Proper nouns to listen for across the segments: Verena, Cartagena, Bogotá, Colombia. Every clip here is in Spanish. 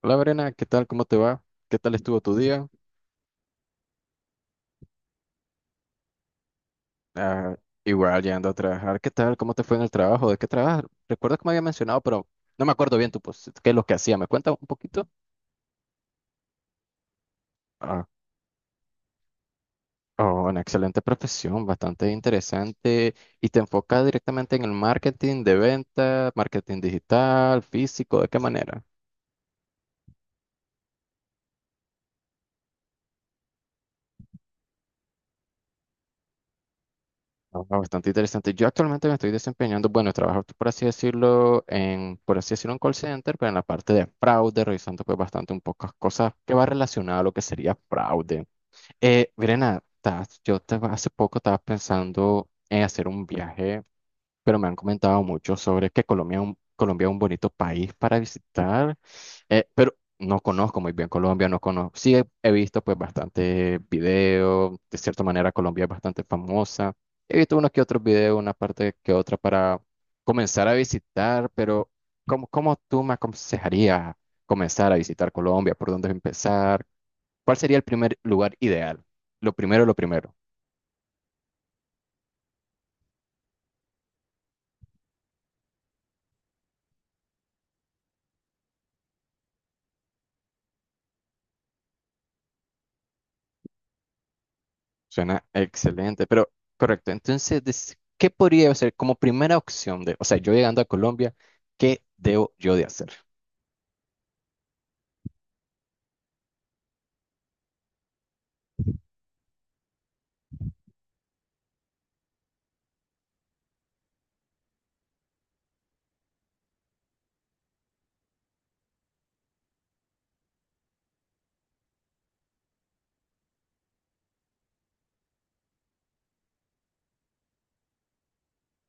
Hola Verena, ¿qué tal? ¿Cómo te va? ¿Qué tal estuvo tu día? Ah, Igual, llegando a trabajar, ¿qué tal? ¿Cómo te fue en el trabajo? ¿De qué trabajas? Recuerdo que me había mencionado, pero no me acuerdo bien qué es lo que hacía. ¿Me cuentas un poquito? Ah, oh, una excelente profesión, bastante interesante, y te enfocas directamente en el marketing de venta, marketing digital, físico, ¿de qué manera? Bastante interesante. Yo actualmente me estoy desempeñando, bueno, trabajo por así decirlo, por así decirlo, en call center, pero en la parte de fraude, revisando pues bastante un poco cosas que va relacionada a lo que sería fraude. Verena, hace poco estaba pensando en hacer un viaje, pero me han comentado mucho sobre que Colombia es un bonito país para visitar, pero no conozco muy bien Colombia, no conozco, sí he, he visto pues bastante video, de cierta manera Colombia es bastante famosa, he visto unos que otros videos, una parte que otra para comenzar a visitar, pero ¿cómo tú me aconsejarías comenzar a visitar Colombia? ¿Por dónde empezar? ¿Cuál sería el primer lugar ideal? Lo primero, lo primero. Suena excelente, pero correcto. Entonces, ¿qué podría hacer como primera opción de, o sea, yo llegando a Colombia, ¿qué debo yo de hacer?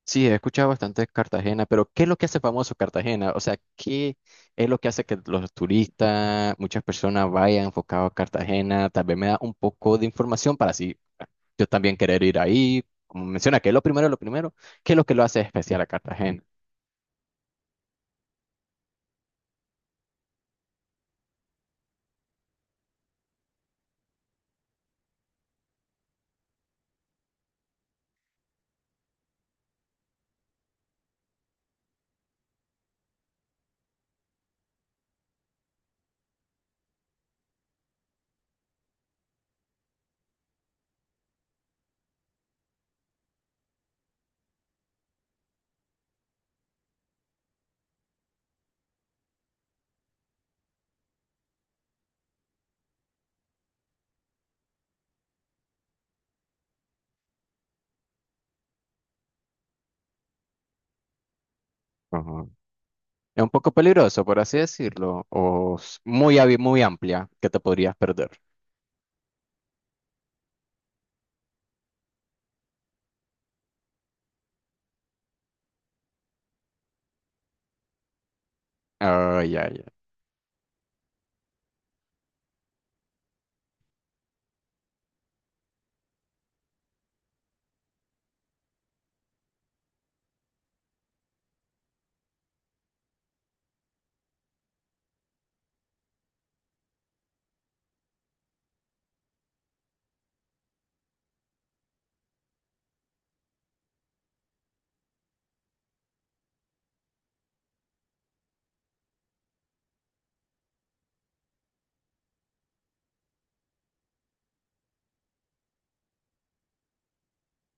Sí, he escuchado bastante de Cartagena, pero ¿qué es lo que hace famoso Cartagena? O sea, ¿qué es lo que hace que los turistas, muchas personas vayan enfocados a Cartagena? Tal vez me da un poco de información para así yo también querer ir ahí. Como menciona, que es lo primero, ¿qué es lo que lo hace especial a Cartagena? ¿Es un poco peligroso, por así decirlo, muy, muy amplia que te podrías perder? Ay, ay, ay.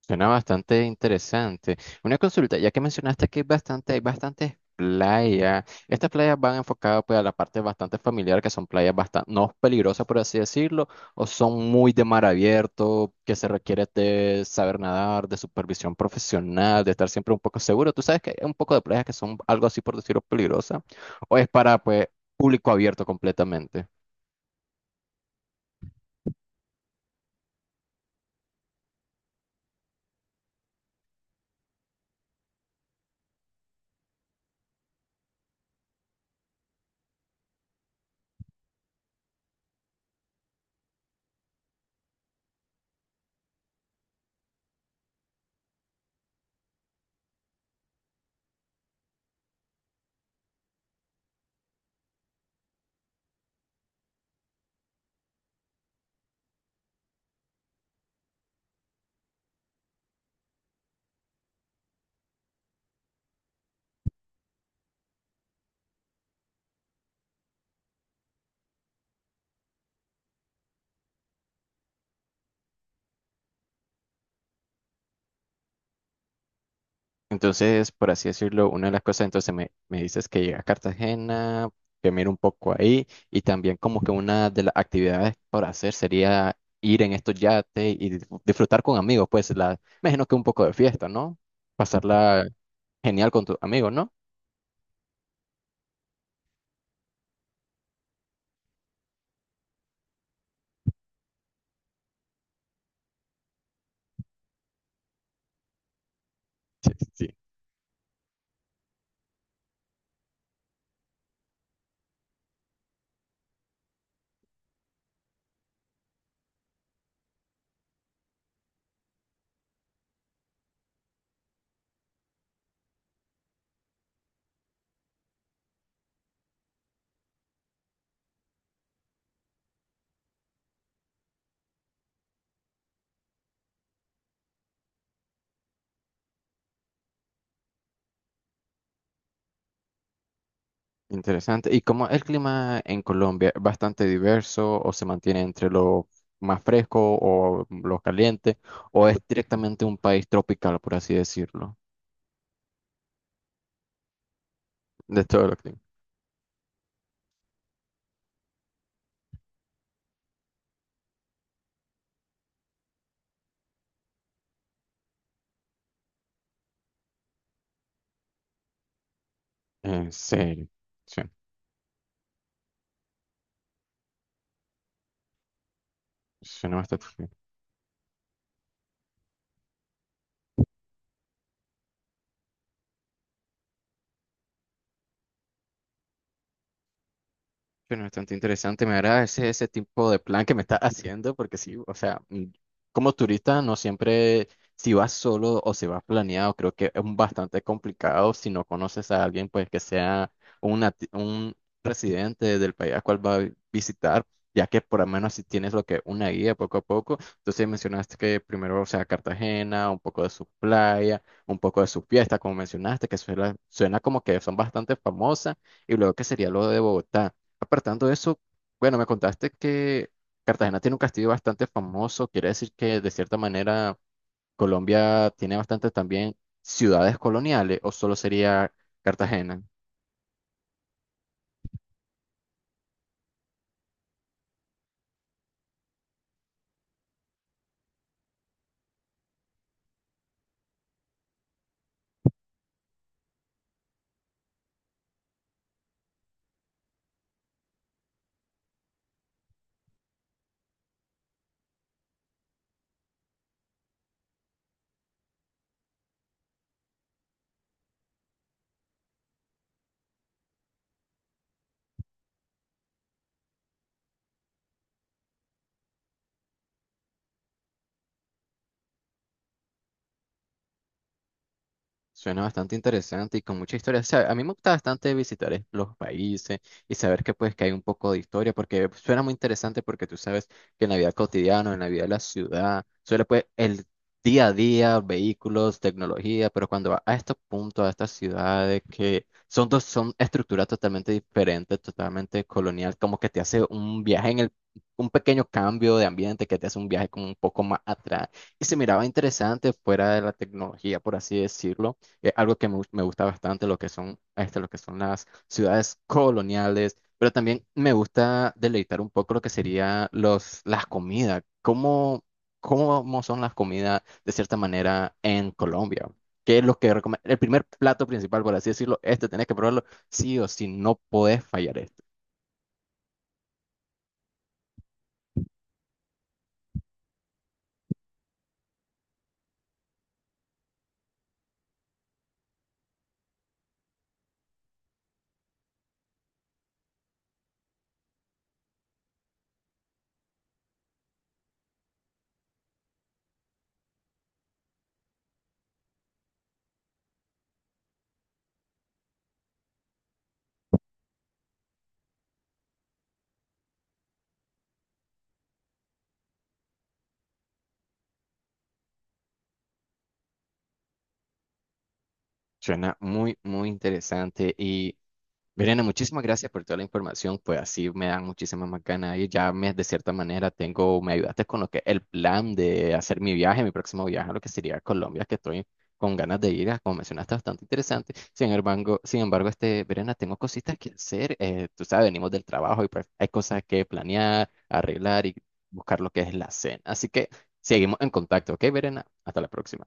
Suena bastante interesante. Una consulta, ya que mencionaste que hay hay bastantes playas. ¿Estas playas van enfocadas pues a la parte bastante familiar, que son playas bastante no peligrosas, por así decirlo, o son muy de mar abierto, que se requiere de saber nadar, de supervisión profesional, de estar siempre un poco seguro? Tú sabes que hay un poco de playas que son algo así, por decirlo, peligrosas, o es para pues público abierto completamente. Entonces, por así decirlo, una de las cosas, entonces me dices que llega a Cartagena, que miro un poco ahí, y también como que una de las actividades por hacer sería ir en estos yates y disfrutar con amigos, pues la, me imagino que un poco de fiesta, ¿no? Pasarla genial con tus amigos, ¿no? Sí, sí. Interesante. ¿Y cómo el clima en Colombia es bastante diverso o se mantiene entre lo más fresco o lo caliente o es directamente un país tropical, por así decirlo, de todo lo que? ¿En serio? Suena, suena bastante. Bueno, bastante interesante, me agrada ese tipo de plan que me estás haciendo, porque sí, o sea, mm, como turista no siempre, si vas solo o si vas planeado, creo que es un bastante complicado si no conoces a alguien, pues que sea un residente del país al cual va a visitar, ya que por lo menos si tienes lo que una guía poco a poco, entonces mencionaste que primero, o sea, Cartagena, un poco de su playa, un poco de su fiesta, como mencionaste, que suena, suena como que son bastante famosas, y luego que sería lo de Bogotá. Apartando eso, bueno, me contaste que Cartagena tiene un castillo bastante famoso, quiere decir que de cierta manera Colombia tiene bastantes también ciudades coloniales, o solo sería Cartagena. Suena bastante interesante y con mucha historia. O sea, a mí me gusta bastante visitar los países y saber que pues que hay un poco de historia, porque suena muy interesante porque tú sabes que en la vida cotidiana, en la vida de la ciudad, suele pues el día a día, vehículos, tecnología, pero cuando va a estos puntos, a estas ciudades que son dos, son estructuras totalmente diferentes, totalmente colonial, como que te hace un viaje en el, un pequeño cambio de ambiente que te hace un viaje como un poco más atrás. Y se miraba interesante fuera de la tecnología, por así decirlo, algo que me gusta bastante, lo que son, este, lo que son las ciudades coloniales, pero también me gusta deleitar un poco lo que sería los, las comidas, cómo, cómo son las comidas de cierta manera en Colombia. ¿Qué es lo que El primer plato principal, por así decirlo, este tenés que probarlo sí o sí, no podés fallar esto? Suena muy, muy interesante y Verena, muchísimas gracias por toda la información, pues así me dan muchísimas más ganas y ya de cierta manera tengo, me ayudaste con lo que el plan de hacer mi viaje, mi próximo viaje a lo que sería Colombia, que estoy con ganas de ir, ah, como mencionaste, bastante interesante. Sin embargo, este, Verena, tengo cositas que hacer, tú sabes, venimos del trabajo y pues hay cosas que planear, arreglar y buscar lo que es la cena. Así que seguimos en contacto, ¿ok, Verena? Hasta la próxima.